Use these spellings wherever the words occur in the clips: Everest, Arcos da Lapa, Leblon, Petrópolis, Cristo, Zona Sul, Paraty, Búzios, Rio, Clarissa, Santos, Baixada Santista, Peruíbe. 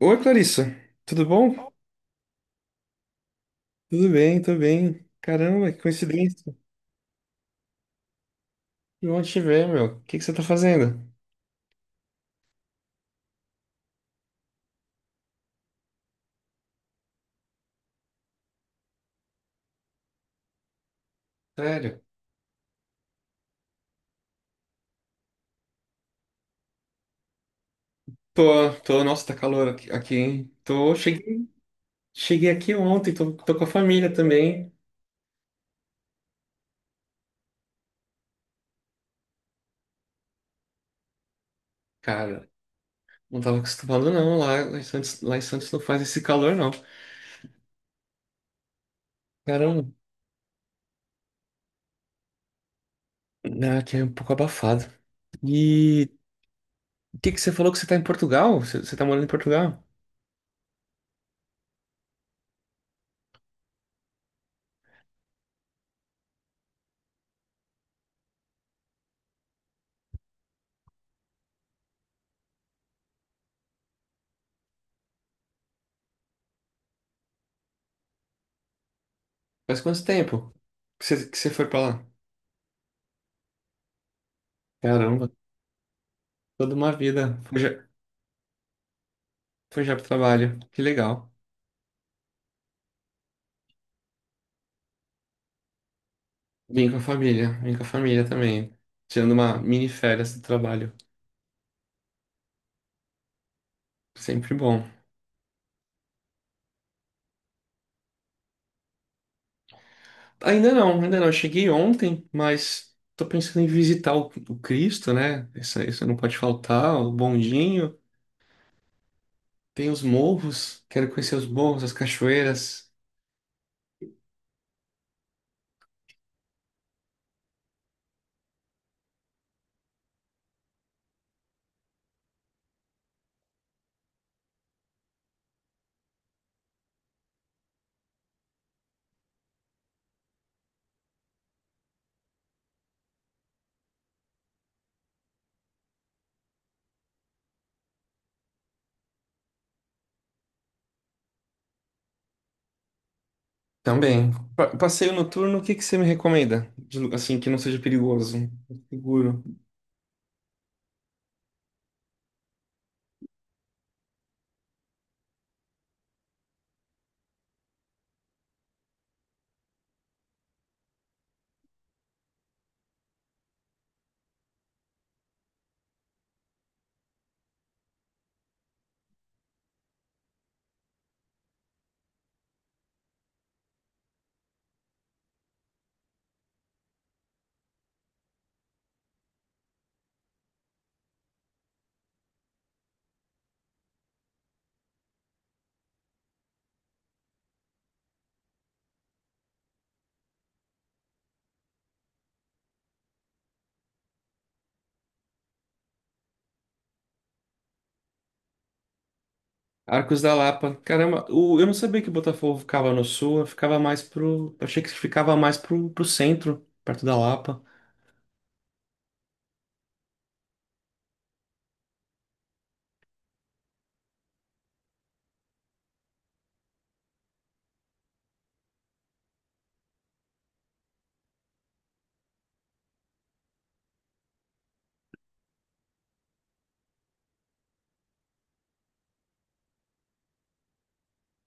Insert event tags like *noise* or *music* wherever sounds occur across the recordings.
Oi, Clarissa. Tudo bom? Tudo bem, tudo bem. Caramba, que coincidência. Que bom te ver, meu. O que que você tá fazendo? Sério? Tô, tô, nossa, tá calor aqui, hein? Tô, cheguei aqui ontem, tô com a família também. Cara, não tava acostumado não, lá em Santos não faz esse calor não. Caramba, né, aqui é um pouco abafado. E o que que você falou que você tá em Portugal? Você tá morando em Portugal? Faz quanto tempo que você foi pra lá? Caramba, toda uma vida. Foi já pro trabalho. Que legal. Vim com a família. Vim com a família também. Tirando uma mini férias do trabalho. Sempre bom. Ainda não, ainda não. Eu cheguei ontem, mas tô pensando em visitar o Cristo, né? Isso não pode faltar. O bondinho. Tem os morros. Quero conhecer os morros, as cachoeiras. Também. Passeio noturno, o que que você me recomenda? De assim, que não seja perigoso. Seguro. Arcos da Lapa. Caramba, eu não sabia que Botafogo ficava no sul, eu ficava mais pro. Eu achei que ficava mais pro, pro centro, perto da Lapa.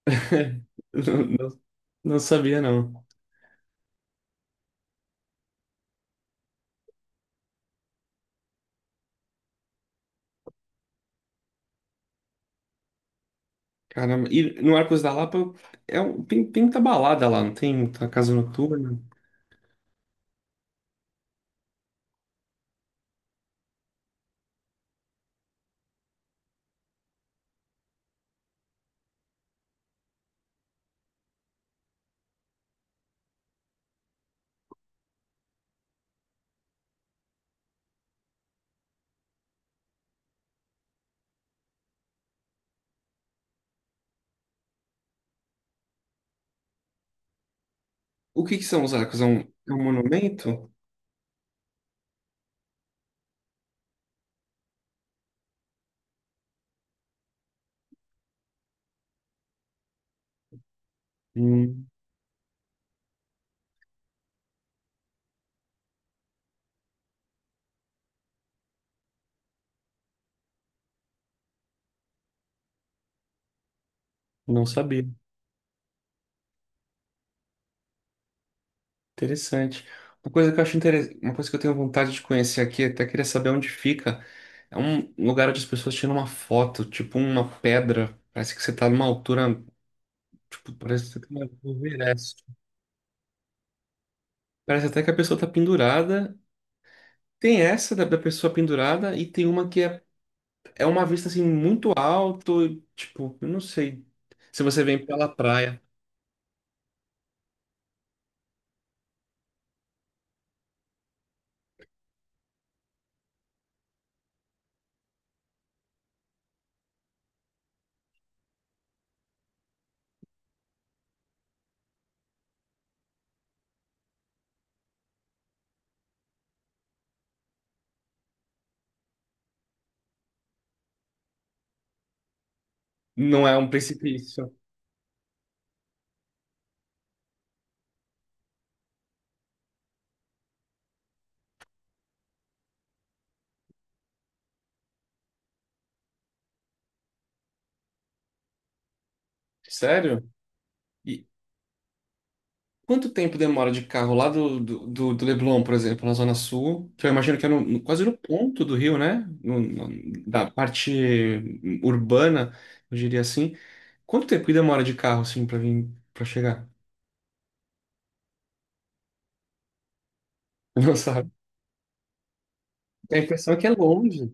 *laughs* Não, não sabia, não. Caramba, e no Arcos da Lapa é um, tem, tem muita balada lá, não tem muita casa noturna. O que que são os arcos? É um monumento? Hum, não sabia. Interessante. Uma coisa que eu acho interessante, uma coisa que eu tenho vontade de conhecer aqui, até queria saber onde fica. É um lugar onde as pessoas tiram uma foto, tipo uma pedra. Parece que você tá numa altura, tipo, parece que você tá no Everest. Parece até que a pessoa tá pendurada. Tem essa da pessoa pendurada e tem uma é uma vista assim muito alto, tipo, eu não sei. Se você vem pela praia, não é um precipício. Sério? E, quanto tempo demora de carro lá do, do Leblon, por exemplo, na Zona Sul? Que eu imagino que é quase no ponto do Rio, né? Da parte urbana, eu diria assim. Quanto tempo que demora de carro, assim, pra vir, para chegar? *laughs* Não sabe? A impressão é que é longe.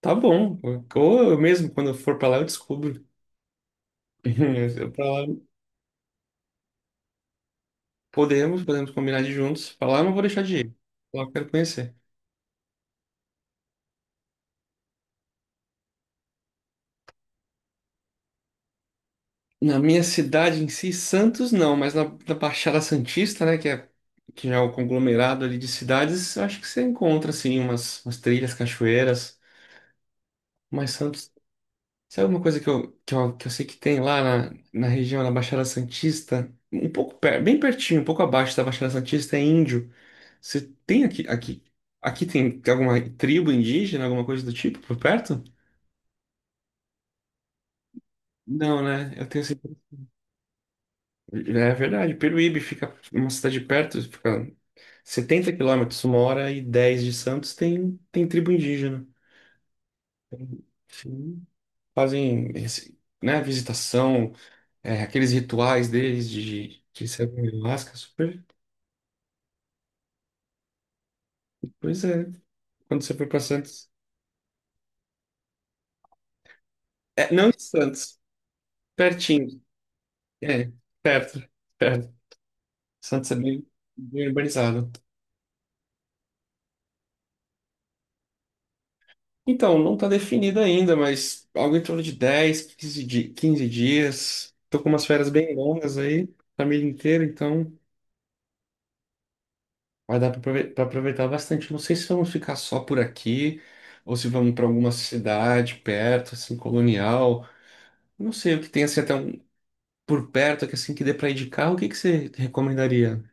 Tá bom. Ou eu mesmo, quando eu for pra lá, eu descubro. *laughs* Pra lá, podemos combinar de ir juntos. Pra lá eu não vou deixar de ir. Lá eu quero conhecer. Na minha cidade em si, Santos não, mas na Baixada Santista, né, que já é o conglomerado ali de cidades, eu acho que você encontra assim umas, umas trilhas, cachoeiras, mas Santos, sabe uma coisa que que eu sei que tem lá na região da Baixada Santista, um pouco per, bem pertinho, um pouco abaixo da Baixada Santista é índio. Você tem aqui tem alguma tribo indígena, alguma coisa do tipo por perto? Não, né? Eu tenho é verdade, Peruíbe fica uma cidade perto, fica 70 quilômetros, uma hora e 10 de Santos, tem, tem tribo indígena. Sim. Fazem, né, visitação, é, aqueles rituais deles de serem ayahuasca, super. Pois é, quando você for para Santos. É, não em Santos, pertinho, é, perto, perto. Santos é bem, bem urbanizado. Então, não está definido ainda, mas algo em torno de 10, 15 dias. Tô com umas férias bem longas aí, família inteira, então vai dar para aproveitar bastante. Não sei se vamos ficar só por aqui ou se vamos para alguma cidade perto, assim, colonial. Não sei o que tem assim até um, por perto, que assim que dê para ir de carro, o que que você recomendaria?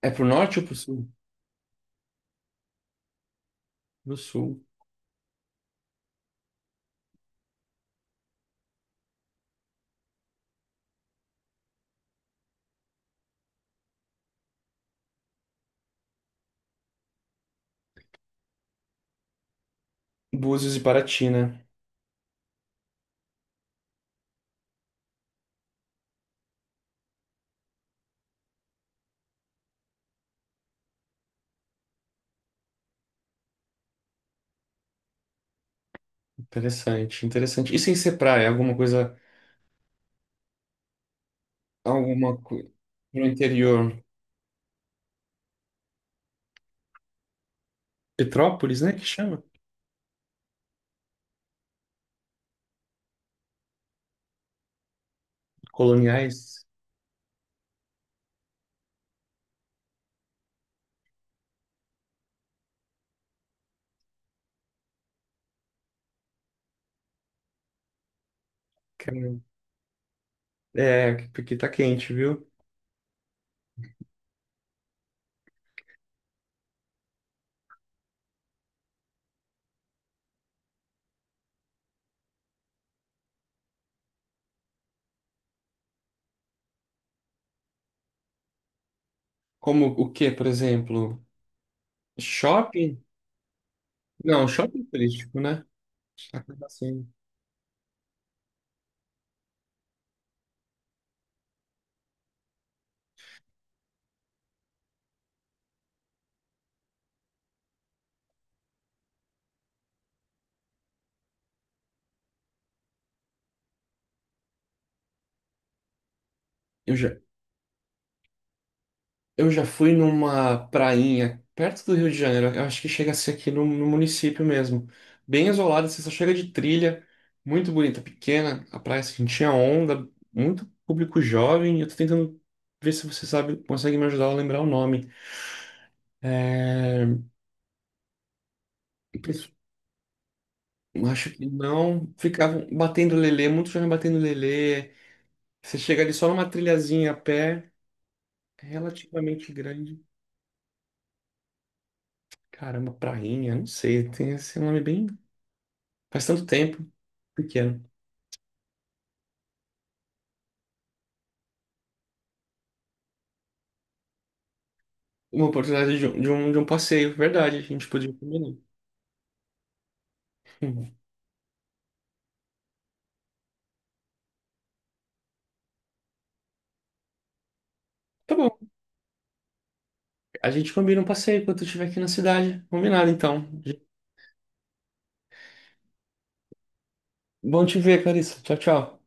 É pro norte ou pro sul? Pro sul. Búzios e Paraty, né? Interessante, interessante. E sem ser praia, alguma coisa pro interior. Petrópolis, né? Que chama? Coloniais. Cara, é, um, é, porque tá quente, viu? Como o quê, por exemplo? Shopping? Não, shopping turístico, né? Acaba sendo. Eu já, eu já fui numa prainha perto do Rio de Janeiro. Eu acho que chega a ser aqui no município mesmo. Bem isolada, você só chega de trilha. Muito bonita, pequena. A praia assim, tinha onda. Muito público jovem. Eu tô tentando ver se você sabe, consegue me ajudar a lembrar o nome. É... Eu acho que não. Ficavam batendo lelê, muitos jovens batendo lelê. Você chega ali só numa trilhazinha a pé, é relativamente grande. Caramba, prainha, não sei, tem esse nome bem. Faz tanto tempo, pequeno. Uma oportunidade de de um passeio, verdade, a gente podia combinar. Hum. Tá bom, a gente combina um passeio quando tu estiver aqui na cidade. Combinado, então. Bom te ver, Clarissa. Tchau, tchau.